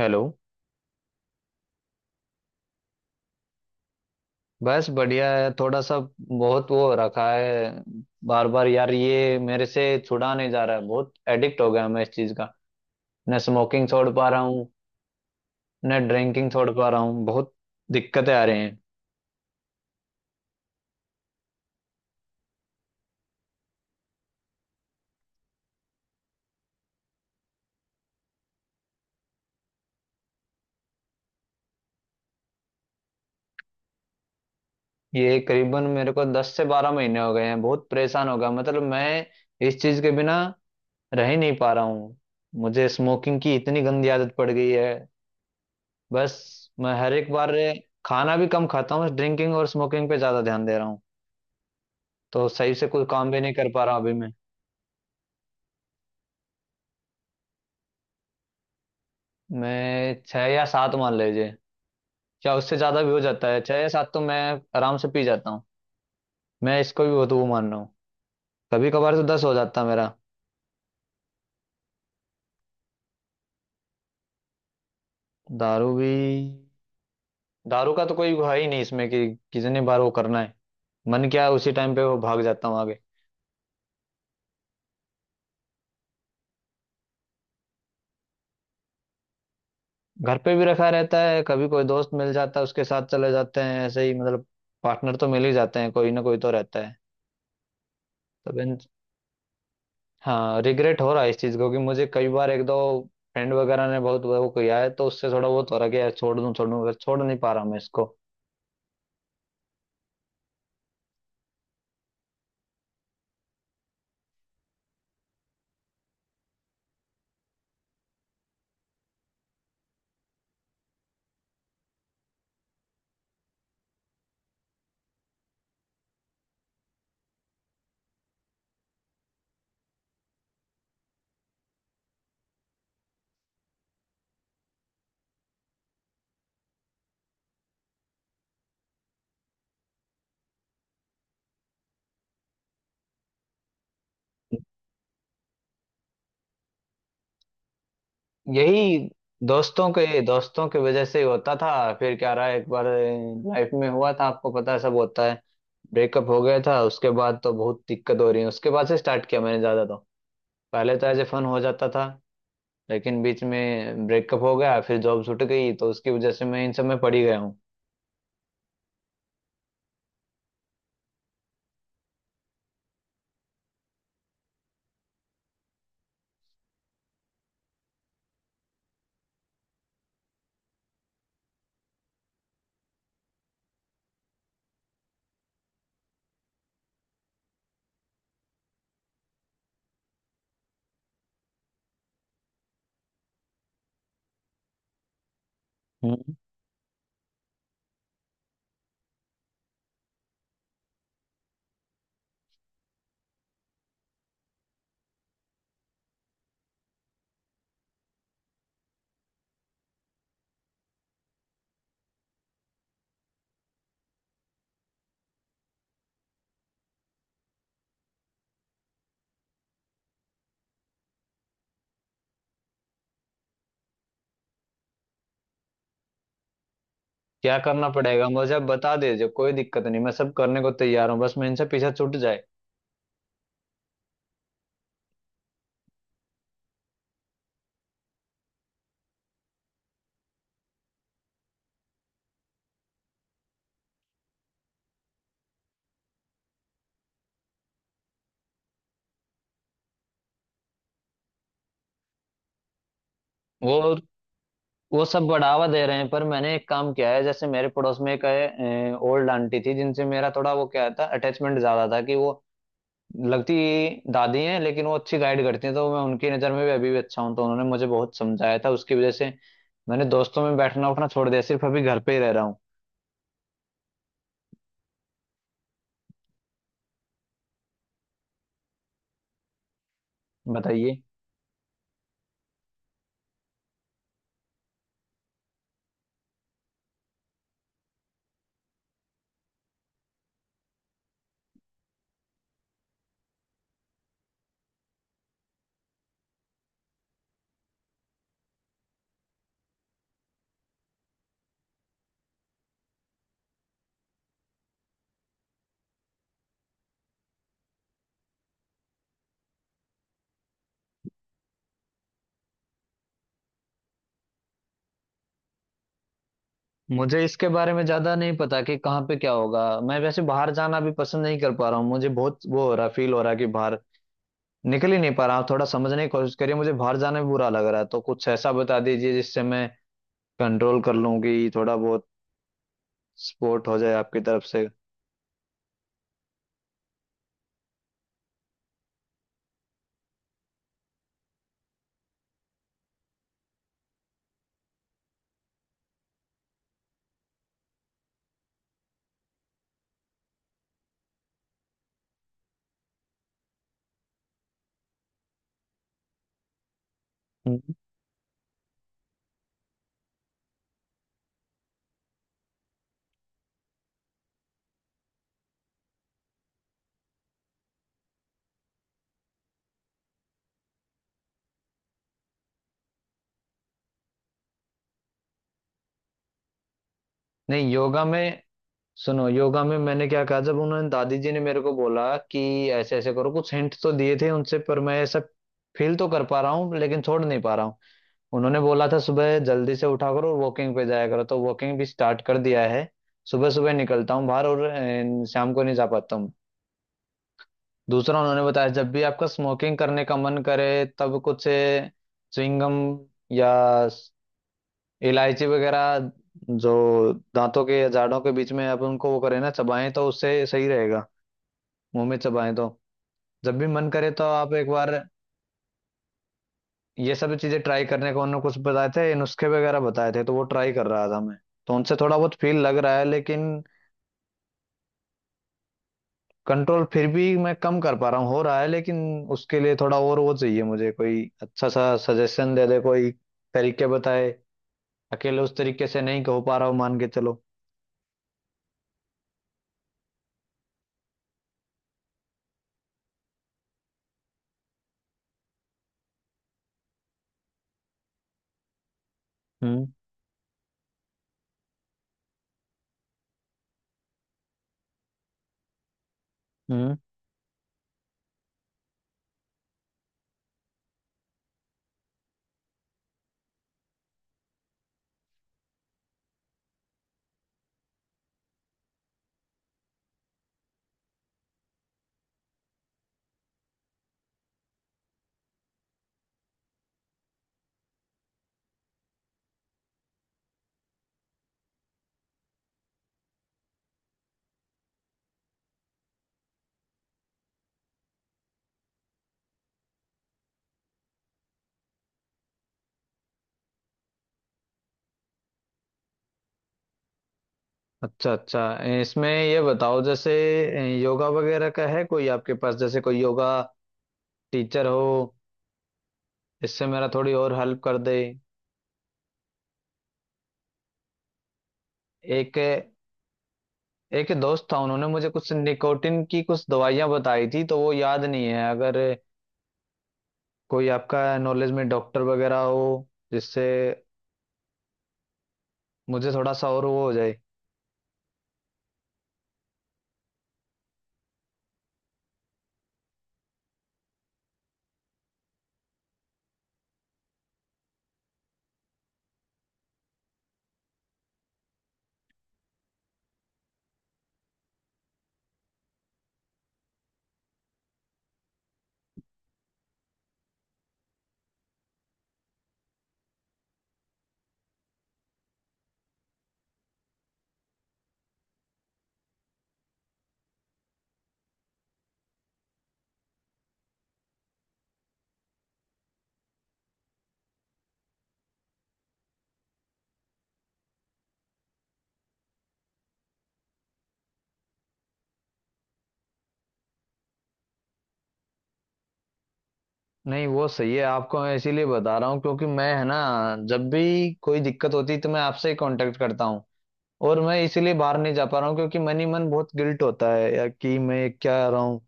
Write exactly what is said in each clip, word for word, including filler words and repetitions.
Hello. बस बढ़िया है, थोड़ा सा बहुत वो रखा है। बार बार यार ये मेरे से छुड़ा नहीं जा रहा है, बहुत एडिक्ट हो गया मैं इस चीज का। न स्मोकिंग छोड़ पा रहा हूँ, न ड्रिंकिंग छोड़ पा रहा हूँ, बहुत दिक्कतें आ रही हैं। ये करीबन मेरे को दस से बारह महीने हो गए हैं। बहुत परेशान हो गया, मतलब मैं इस चीज के बिना रह ही नहीं पा रहा हूँ। मुझे स्मोकिंग की इतनी गंदी आदत पड़ गई है। बस मैं हर एक बार खाना भी कम खाता हूँ, ड्रिंकिंग और स्मोकिंग पे ज्यादा ध्यान दे रहा हूँ। तो सही से कोई काम भी नहीं कर पा रहा अभी मैं। मैं छः या सात मान लीजिए, या उससे ज़्यादा भी हो जाता है। छः या सात तो मैं आराम से पी जाता हूँ। मैं इसको भी बहुत वो मान रहा हूँ। कभी कभार तो दस हो जाता है मेरा। दारू भी, दारू का तो कोई है ही नहीं इसमें कि कितनी बार वो करना है। मन क्या है उसी टाइम पे वो भाग जाता हूँ आगे। घर पे भी रखा रहता है, कभी कोई दोस्त मिल जाता है उसके साथ चले जाते हैं, ऐसे ही मतलब पार्टनर तो मिल ही जाते हैं, कोई ना कोई तो रहता है। तो हाँ, रिग्रेट हो रहा है इस चीज को, कि मुझे कई बार एक दो फ्रेंड वगैरह ने बहुत वो किया है, तो उससे थोड़ा बहुत हो रहा है कि यार छोड़ दूं छोड़ दूं, पर छोड़ नहीं पा रहा मैं इसको। यही, दोस्तों के दोस्तों की वजह से ही होता था। फिर क्या रहा, एक बार लाइफ में हुआ था, आपको पता है सब होता है, ब्रेकअप हो गया था, उसके बाद तो बहुत दिक्कत हो रही है। उसके बाद से स्टार्ट किया मैंने ज्यादा। तो पहले तो एज ए फन हो जाता था, लेकिन बीच में ब्रेकअप हो गया, फिर जॉब छूट गई, तो उसकी वजह से मैं इन सब में पड़ी गया हूँ। क्या करना पड़ेगा मुझे, आप बता दीजिए, कोई दिक्कत नहीं, मैं सब करने को तैयार हूँ, बस मैं इनसे पीछे छूट जाए। वो वो सब बढ़ावा दे रहे हैं, पर मैंने एक काम किया है। जैसे मेरे पड़ोस में एक ओल्ड आंटी थी, जिनसे मेरा थोड़ा वो क्या था, अटैचमेंट ज्यादा था। कि वो लगती दादी हैं, लेकिन वो अच्छी गाइड करती हैं। तो मैं उनकी नज़र में भी अभी भी अच्छा हूँ, तो उन्होंने मुझे बहुत समझाया था। उसकी वजह से मैंने दोस्तों में बैठना उठना छोड़ दिया, सिर्फ अभी घर पे ही रह रहा हूँ। बताइए। मुझे इसके बारे में ज्यादा नहीं पता कि कहाँ पे क्या होगा। मैं वैसे बाहर जाना भी पसंद नहीं कर पा रहा हूँ, मुझे बहुत वो हो रहा, फील हो रहा है कि बाहर निकल ही नहीं पा रहा हूँ। थोड़ा समझने की कोशिश करिए, मुझे बाहर जाना भी बुरा लग रहा है। तो कुछ ऐसा बता दीजिए जिससे मैं कंट्रोल कर लूँ, कि थोड़ा बहुत सपोर्ट हो जाए आपकी तरफ से। हम्म। नहीं, योगा में, सुनो, योगा में मैंने क्या कहा, जब उन्होंने, दादी जी ने मेरे को बोला कि ऐसे ऐसे करो, कुछ हिंट तो दिए थे उनसे, पर मैं ऐसा फील तो कर पा रहा हूँ, लेकिन छोड़ नहीं पा रहा हूँ। उन्होंने बोला था सुबह जल्दी से उठा करो और वॉकिंग पे जाया करो, तो वॉकिंग भी स्टार्ट कर दिया है। सुबह सुबह निकलता हूँ बाहर, और अ, शाम को नहीं जा पाता हूँ। दूसरा उन्होंने बताया, जब भी आपका स्मोकिंग करने का मन करे, तब कुछ च्युइंगम या स- इलायची वगैरह, जो दांतों के या जाड़ों के बीच में आप उनको वो करें, ना, चबाएं तो उससे सही रहेगा। मुंह में चबाएं तो जब भी मन करे तो आप एक बार, ये सब चीजें ट्राई करने को उन्होंने कुछ बताए थे, नुस्खे वगैरह बताए थे, तो वो ट्राई कर रहा था मैं। तो उनसे थोड़ा बहुत फील लग रहा है, लेकिन कंट्रोल फिर भी मैं कम कर पा रहा हूँ, हो रहा है, लेकिन उसके लिए थोड़ा और वो चाहिए मुझे। कोई अच्छा सा सजेशन दे दे कोई, तरीके बताए। अकेले उस तरीके से नहीं कह पा रहा हूँ, मान के चलो। हम्म, हम्म। अच्छा, अच्छा। इसमें ये बताओ, जैसे योगा वगैरह का है कोई आपके पास, जैसे कोई योगा टीचर हो, इससे मेरा थोड़ी और हेल्प कर दे। एक एक दोस्त था, उन्होंने मुझे कुछ निकोटिन की कुछ दवाइयाँ बताई थी, तो वो याद नहीं है। अगर कोई आपका नॉलेज में डॉक्टर वगैरह हो जिससे मुझे थोड़ा सा और वो हो जाए। नहीं, वो सही है, आपको मैं इसीलिए बता रहा हूँ क्योंकि मैं, है ना, जब भी कोई दिक्कत होती है तो मैं आपसे ही कांटेक्ट करता हूँ। और मैं इसीलिए बाहर नहीं जा पा रहा हूँ, क्योंकि मन ही मन बहुत गिल्ट होता है, या कि मैं क्या रहा हूँ।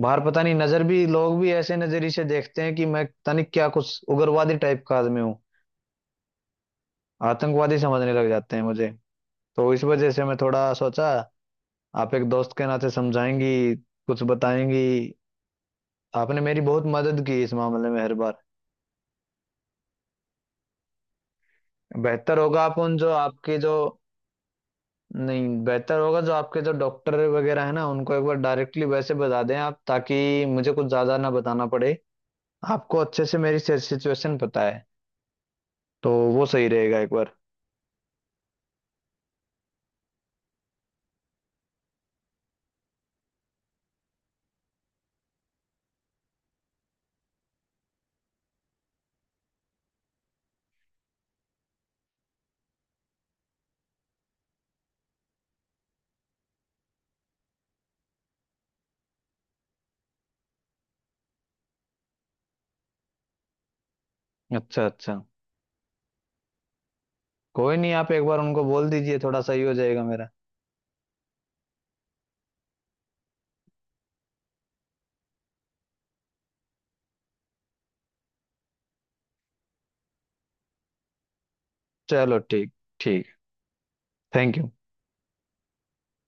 बाहर पता नहीं, नजर भी, लोग भी ऐसे नजरिए से देखते हैं कि मैं पता नहीं क्या कुछ उग्रवादी टाइप का आदमी हूँ। आतंकवादी समझने लग जाते हैं मुझे। तो इस वजह से मैं थोड़ा सोचा आप एक दोस्त के नाते समझाएंगी, कुछ बताएंगी। आपने मेरी बहुत मदद की इस मामले में, हर बार। बेहतर होगा आप उन जो आपके जो नहीं, बेहतर होगा जो आपके जो डॉक्टर वगैरह है ना, उनको एक बार डायरेक्टली वैसे बता दें आप, ताकि मुझे कुछ ज्यादा ना बताना पड़े। आपको अच्छे से मेरी सिचुएशन पता है, तो वो सही रहेगा एक बार। अच्छा, अच्छा, कोई नहीं, आप एक बार उनको बोल दीजिए, थोड़ा सही हो जाएगा मेरा। चलो, ठीक। ठीक। Thank you.